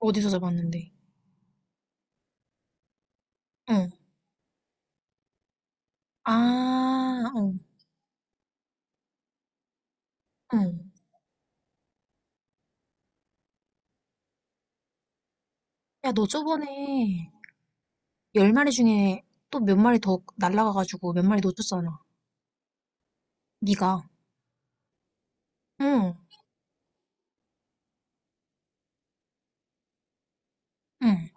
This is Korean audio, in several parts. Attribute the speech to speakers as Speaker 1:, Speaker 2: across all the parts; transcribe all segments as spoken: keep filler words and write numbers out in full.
Speaker 1: 어디서 잡았는데? 어. 아, 어, 어. 야, 너 저번에 열 마리 중에 또 몇 마리 더 날라가가지고 몇 마리 놓쳤잖아. 네가. 응, 응.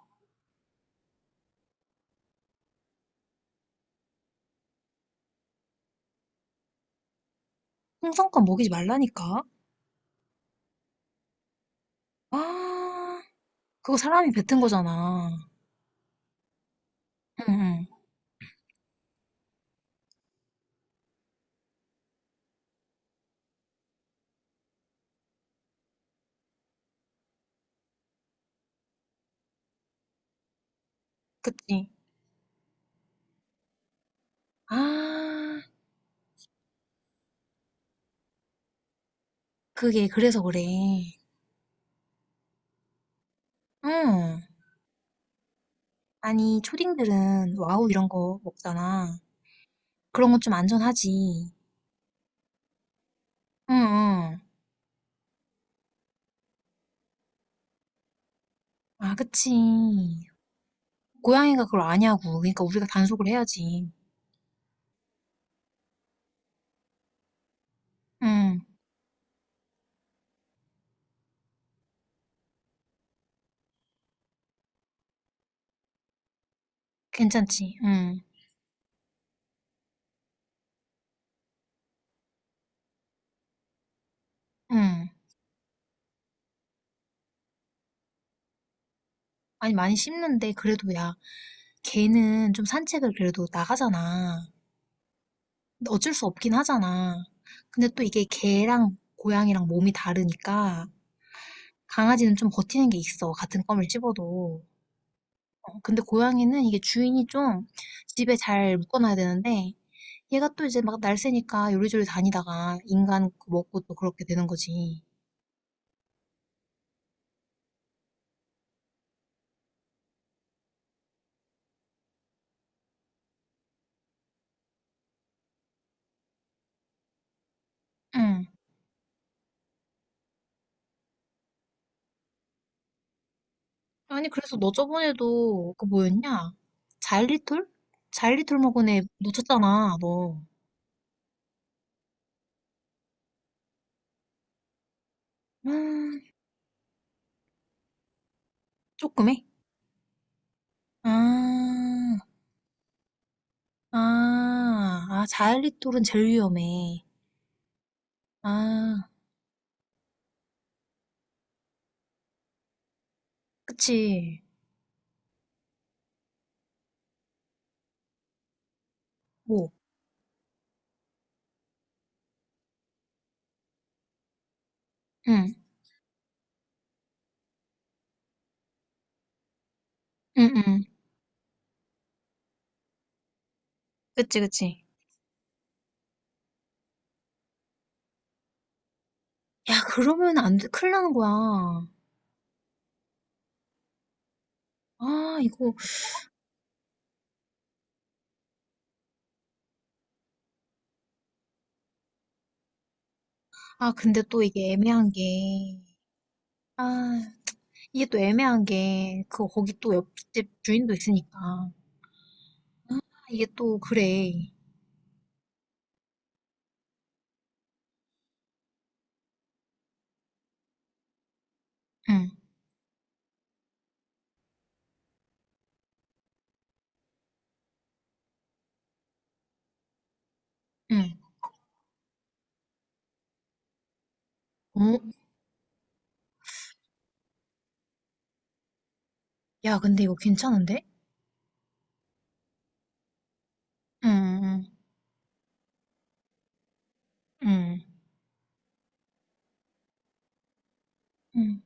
Speaker 1: 홍성껏 먹이지 말라니까. 아, 그거 사람이 뱉은 거잖아. 응, 응. 그치. 아, 그게 그래서 그래. 응. 아니, 초딩들은 와우 이런 거 먹잖아. 그런 건 좀 안전하지. 응, 응. 아, 그치. 고양이가 그걸 아냐고. 그러니까 우리가 단속을 해야지. 응, 괜찮지. 응, 응. 아니, 많이 씹는데, 그래도 야, 개는 좀 산책을 그래도 나가잖아. 근데 어쩔 수 없긴 하잖아. 근데 또 이게 개랑 고양이랑 몸이 다르니까, 강아지는 좀 버티는 게 있어. 같은 껌을 씹어도. 어, 근데 고양이는 이게 주인이 좀 집에 잘 묶어놔야 되는데, 얘가 또 이제 막 날쌔니까 요리조리 다니다가 인간 그 먹고 또 그렇게 되는 거지. 응. 아니, 그래서 너 저번에도 그 뭐였냐? 자일리톨? 자일리톨 먹은 애 놓쳤잖아, 너. 음, 조금해? 아, 아, 아, 자일리톨은 제일 위험해. 아, 그치. 뭐, 응, 응, 응. 그치, 그치. 야, 그러면 안 돼. 큰일 나는 거야. 아, 이거, 아, 근데 또 이게 애매한 게, 아, 이게 또 애매한 게, 그, 거기 또 옆집 주인도 있으니까. 아, 이게 또, 그래. 응. 응. 오, 야, 근데 이거 괜찮은데? 응, 응, 응, 응,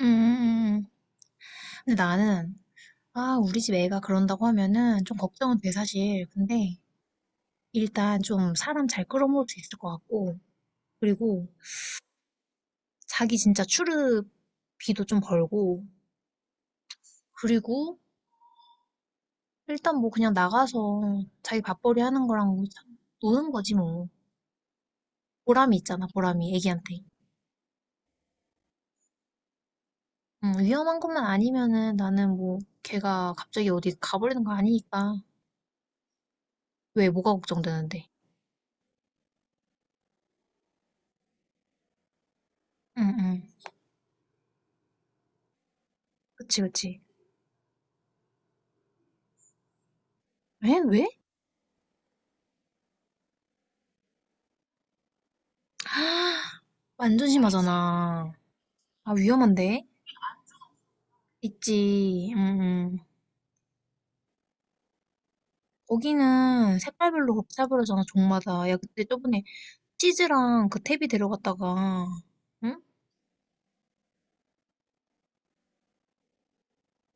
Speaker 1: 응, 응. 응. 근데 나는, 아, 우리 집 애가 그런다고 하면은 좀 걱정은 돼, 사실. 근데 일단 좀 사람 잘 끌어모을 수 있을 것 같고, 그리고 자기 진짜 출입비도 좀 벌고, 그리고 일단 뭐 그냥 나가서 자기 밥벌이 하는 거랑 뭐 참 노는 거지 뭐. 보람이 있잖아, 보람이, 애기한테. 응, 위험한 것만 아니면은 나는 뭐 걔가 갑자기 어디 가버리는 거 아니니까. 왜 뭐가 걱정되는데? 응응. 그치, 그치. 왜? 왜? 아, 완전 심하잖아. 아, 위험한데? 있지. 응응. 거기는 색깔별로 곱차별하잖아 종마다. 야, 그때 저번에 치즈랑 그 탭이 데려갔다가, 응?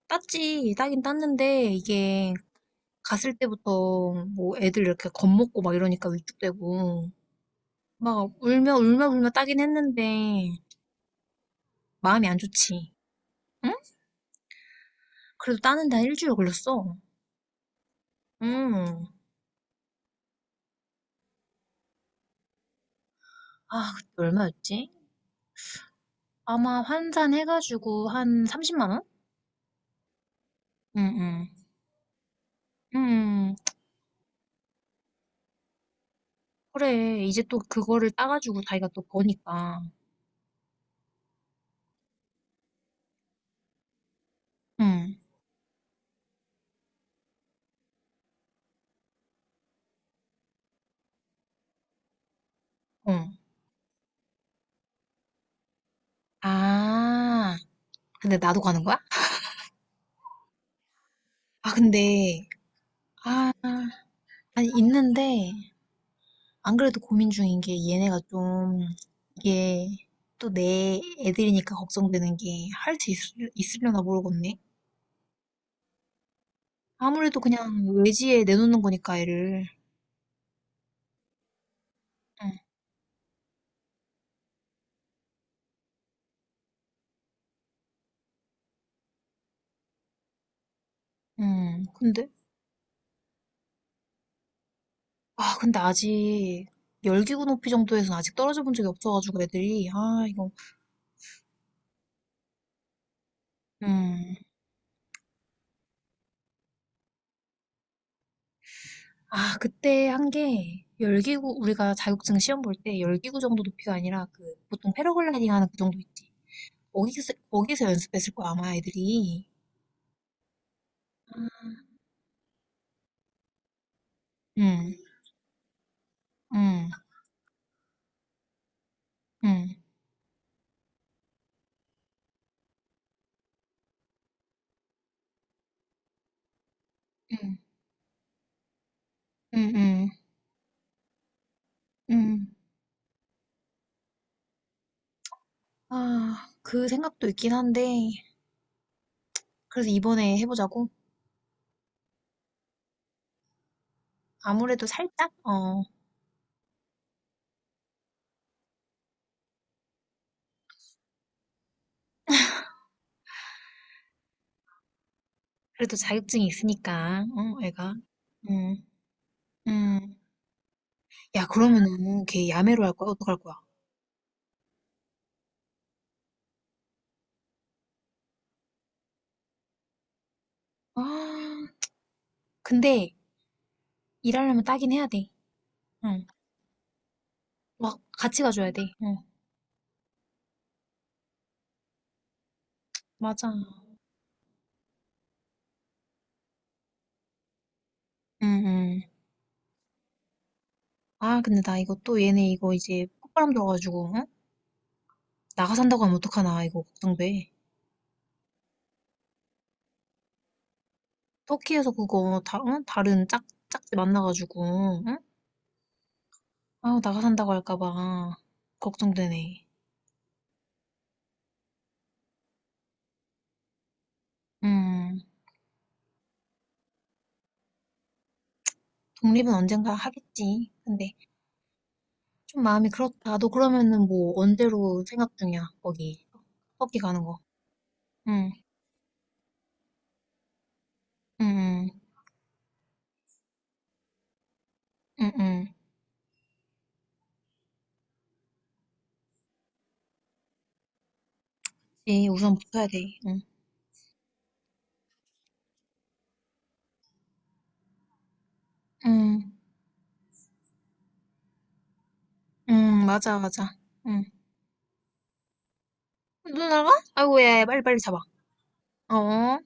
Speaker 1: 땄지. 따긴 땄는데, 이게 갔을 때부터 뭐 애들 이렇게 겁먹고 막 이러니까 위축되고. 막 울며 울며 울며 따긴 했는데, 마음이 안 좋지. 응? 그래도 따는데 한 일주일 걸렸어. 응. 아 그때 얼마였지? 아마 환산해 가지고 한 삼십만 원? 응응 응 그래. 이제 또 그거를 따 가지고 자기가 또 버니까. 응. 응 아. 근데 나도 가는 거야? 아 근데 아 아니 있는데 안 그래도 고민 중인 게 얘네가 좀 이게 또 내 애들이니까 걱정되는 게 할 수 있으려나 모르겠네. 아무래도 그냥 외지에 내놓는 거니까 애를. 응. 응 근데 아, 근데 아직 열기구 높이 정도에서는 아직 떨어져 본 적이 없어가지고 애들이 아 이거 음 아 그때 한 게 열기구 우리가 자격증 시험 볼 때 열기구 정도 높이가 아니라 그 보통 패러글라이딩 하는 그 정도 있지 거기서 거기서 연습했을 거야 아마 애들이 음음음음음음아 그 생각도 있긴 한데 그래서 이번에 해보자고 아무래도 살짝 어 그래도 자격증이 있으니까 어 애가 음. 음. 야, 음. 그러면은 걔 야매로 할 거야? 어떡할 거야? 아, 근데 일하려면 따긴 해야 돼. 응. 막 같이 가줘야 돼. 응. 맞아. 응, 응. 아, 근데 나 이거 또 얘네 이거 이제 폭발함 들어가지고, 응? 나가 산다고 하면 어떡하나, 이거 걱정돼. 터키에서 그거 다, 응? 다른 짝, 짝지 만나가지고, 응? 아우, 나가 산다고 할까봐. 걱정되네. 음, 독립은 언젠가 하겠지. 근데, 좀 마음이 그렇다. 너 그러면은 뭐 언제로 생각 중이야? 거기 터키 가는 거. 응, 응, 응, 응, 응. 우선 붙어야 돼. 응, 응, 응, 맞아, 맞아. 응. 누나가? 아이고, 야, 야, 빨리빨리 잡아. 어.